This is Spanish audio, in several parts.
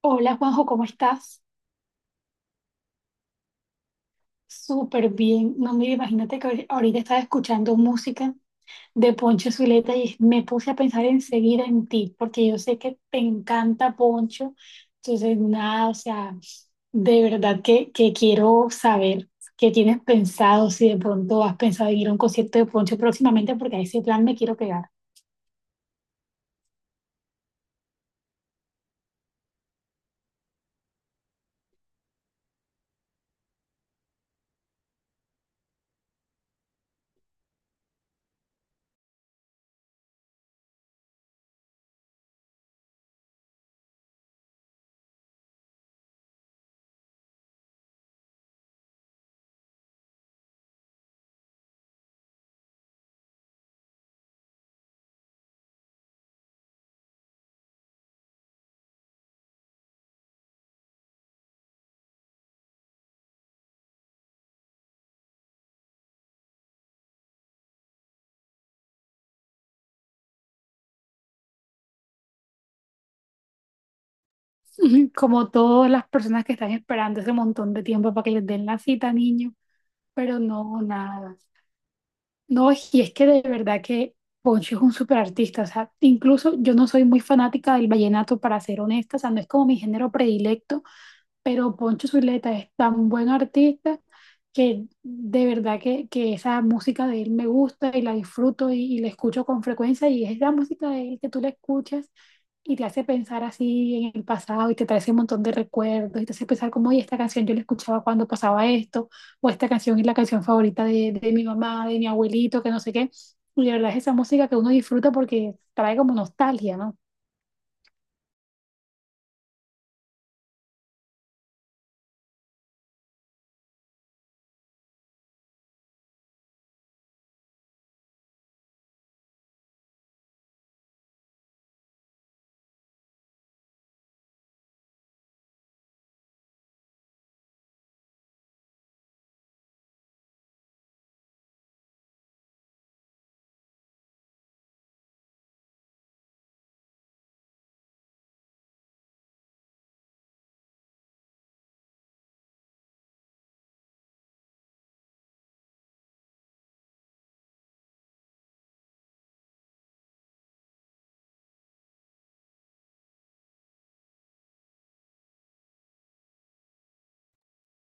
Hola Juanjo, ¿cómo estás? Súper bien. No, mira, imagínate que ahorita estaba escuchando música de Poncho Zuleta y me puse a pensar enseguida en ti, porque yo sé que te encanta Poncho. Entonces, nada, o sea, de verdad que quiero saber qué tienes pensado, si de pronto has pensado en ir a un concierto de Poncho próximamente, porque a ese plan me quiero pegar. Como todas las personas que están esperando ese montón de tiempo para que les den la cita, niño, pero no, nada. No, y es que de verdad que Poncho es un súper artista, o sea, incluso yo no soy muy fanática del vallenato, para ser honesta, o sea, no es como mi género predilecto, pero Poncho Zuleta es tan buen artista que de verdad que esa música de él me gusta y la disfruto y la escucho con frecuencia y es la música de él que tú la escuchas y te hace pensar así en el pasado y te trae ese montón de recuerdos y te hace pensar como, oye, esta canción yo la escuchaba cuando pasaba esto o esta canción es la canción favorita de mi mamá, de mi abuelito, que no sé qué. Y de verdad es esa música que uno disfruta porque trae como nostalgia, ¿no?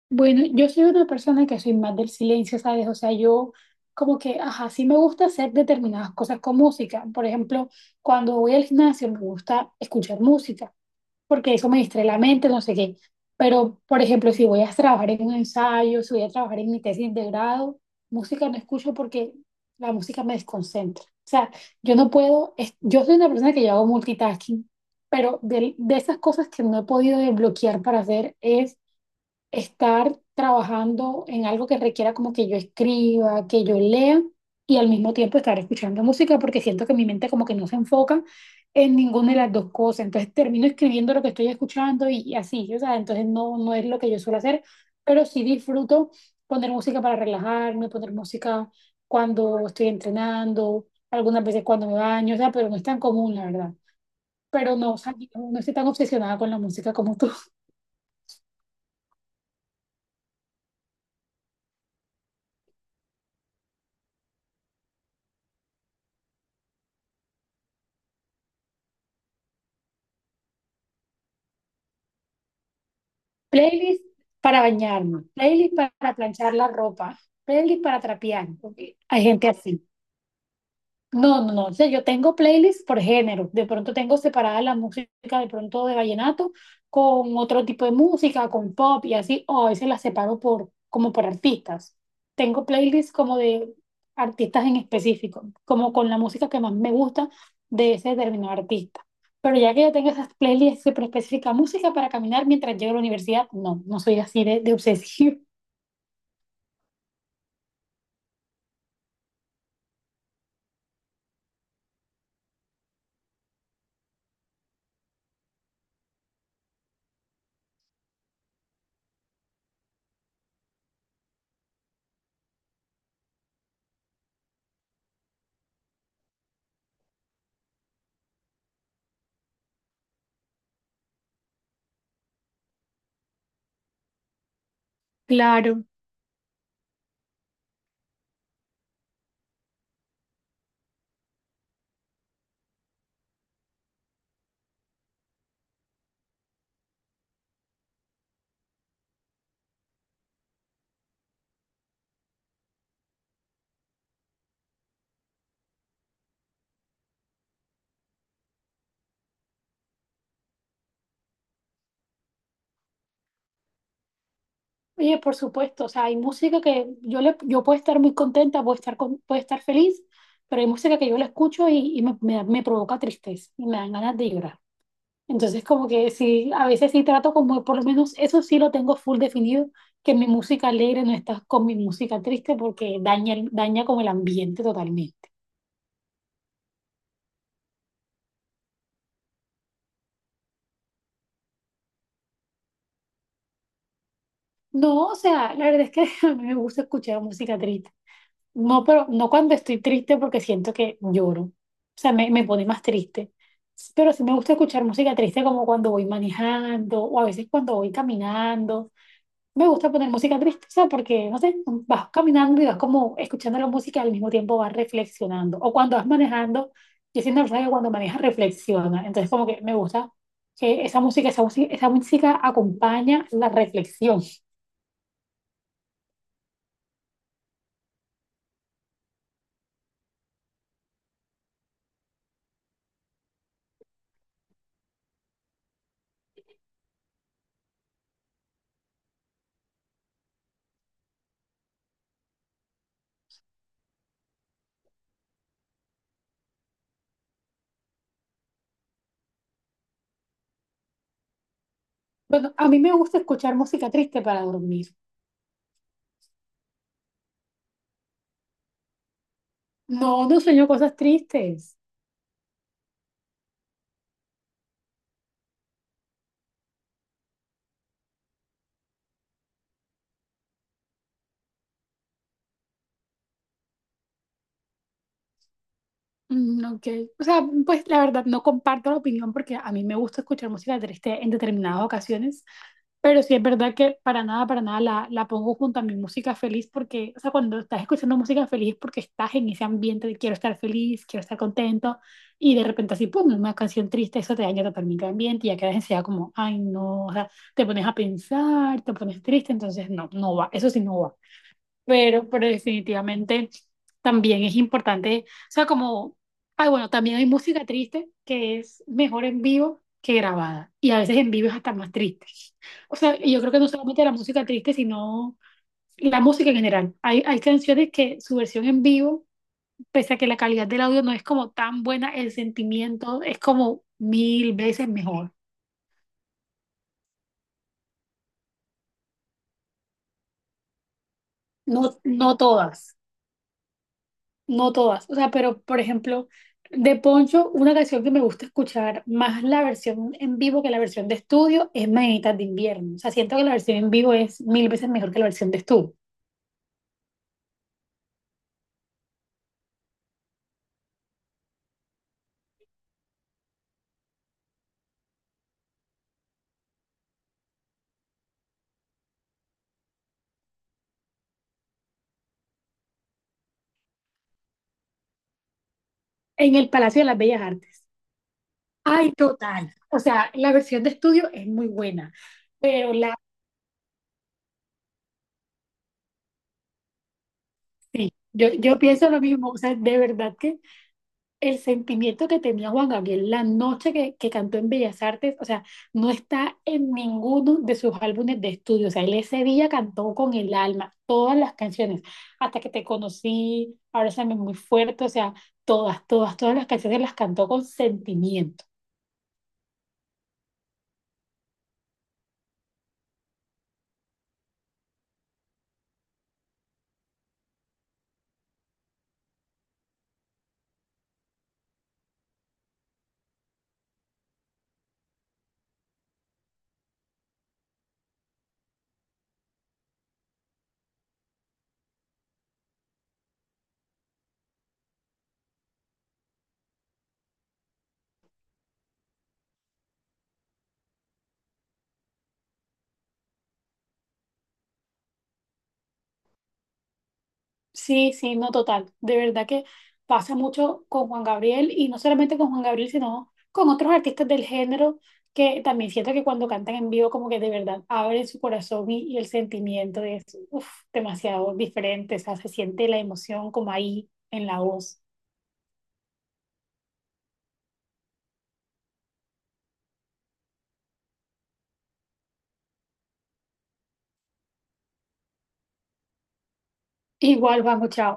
Bueno, yo soy una persona que soy más del silencio, ¿sabes? O sea, yo como que, ajá, sí me gusta hacer determinadas cosas con música. Por ejemplo, cuando voy al gimnasio me gusta escuchar música, porque eso me distrae la mente, no sé qué. Pero, por ejemplo, si voy a trabajar en un ensayo, si voy a trabajar en mi tesis de grado, música no escucho porque la música me desconcentra. O sea, yo no puedo, yo soy una persona que yo hago multitasking, pero de esas cosas que no he podido desbloquear para hacer es estar trabajando en algo que requiera como que yo escriba, que yo lea y al mismo tiempo estar escuchando música porque siento que mi mente como que no se enfoca en ninguna de las dos cosas. Entonces termino escribiendo lo que estoy escuchando y así, o sea, entonces no, no es lo que yo suelo hacer, pero sí disfruto poner música para relajarme, poner música cuando estoy entrenando, algunas veces cuando me baño, o sea, pero no es tan común, la verdad. Pero no, o sea, no estoy tan obsesionada con la música como tú. Playlist para bañarme, playlist para planchar la ropa, playlist para trapear, porque hay gente así. No, no, no. O sea, yo tengo playlists por género. De pronto tengo separada la música, de pronto de vallenato, con otro tipo de música, con pop y así, o a veces las separo por, como por artistas. Tengo playlists como de artistas en específico, como con la música que más me gusta de ese determinado artista. Pero ya que yo tengo esas playlists súper específicas, música para caminar mientras llego a la universidad, no, no soy así de obsesiva. Claro. Oye, por supuesto, o sea, hay música que yo le, yo puedo estar muy contenta, puedo estar, puedo estar feliz, pero hay música que yo la escucho y me, me provoca tristeza y me dan ganas de llorar. Entonces, como que sí, a veces sí trato como, por lo menos eso sí lo tengo full definido, que mi música alegre no está con mi música triste porque daña, daña como el ambiente totalmente. No, o sea, la verdad es que a mí me gusta escuchar música triste. No, pero no cuando estoy triste porque siento que lloro. O sea, me pone más triste. Pero sí me gusta escuchar música triste como cuando voy manejando o a veces cuando voy caminando. Me gusta poner música triste, o sea, porque, no sé, vas caminando y vas como escuchando la música al mismo tiempo vas reflexionando. O cuando vas manejando, yo siento que cuando manejas reflexiona. Entonces como que me gusta que esa música acompaña la reflexión. Bueno, a mí me gusta escuchar música triste para dormir. No, no sueño cosas tristes. Mm, ok. O sea, pues la verdad no comparto la opinión porque a mí me gusta escuchar música triste en determinadas ocasiones, pero sí es verdad que para nada la pongo junto a mi música feliz porque, o sea, cuando estás escuchando música feliz es porque estás en ese ambiente de quiero estar feliz, quiero estar contento y de repente así, pum, una canción triste, eso te daña totalmente el ambiente y ya quedas enseguida como, ay, no, o sea, te pones a pensar, te pones triste, entonces no, no va, eso sí no va. Pero definitivamente también es importante, o sea, como, ay, bueno, también hay música triste que es mejor en vivo que grabada, y a veces en vivo es hasta más triste. O sea, yo creo que no solamente la música triste, sino la música en general. Hay canciones que su versión en vivo, pese a que la calidad del audio no es como tan buena, el sentimiento es como mil veces mejor. No, no todas. No todas, o sea, pero por ejemplo, de Poncho, una canción que me gusta escuchar más la versión en vivo que la versión de estudio es Mañanitas de Invierno. O sea, siento que la versión en vivo es mil veces mejor que la versión de estudio. En el Palacio de las Bellas Artes. Ay, total. O sea, la versión de estudio es muy buena, pero la, sí, yo pienso lo mismo. O sea, de verdad que el sentimiento que tenía Juan Gabriel la noche que cantó en Bellas Artes, o sea, no está en ninguno de sus álbumes de estudio. O sea, él ese día cantó con el alma todas las canciones, hasta que te conocí, ahora también muy fuerte, o sea, todas, todas, todas las canciones las cantó con sentimiento. Sí, sí, no total. De verdad que pasa mucho con Juan Gabriel y no solamente con Juan Gabriel, sino con otros artistas del género que también siento que cuando cantan en vivo como que de verdad abren su corazón y el sentimiento es uf, demasiado diferente, o sea, se siente la emoción como ahí en la voz. Igual, vamos, chao.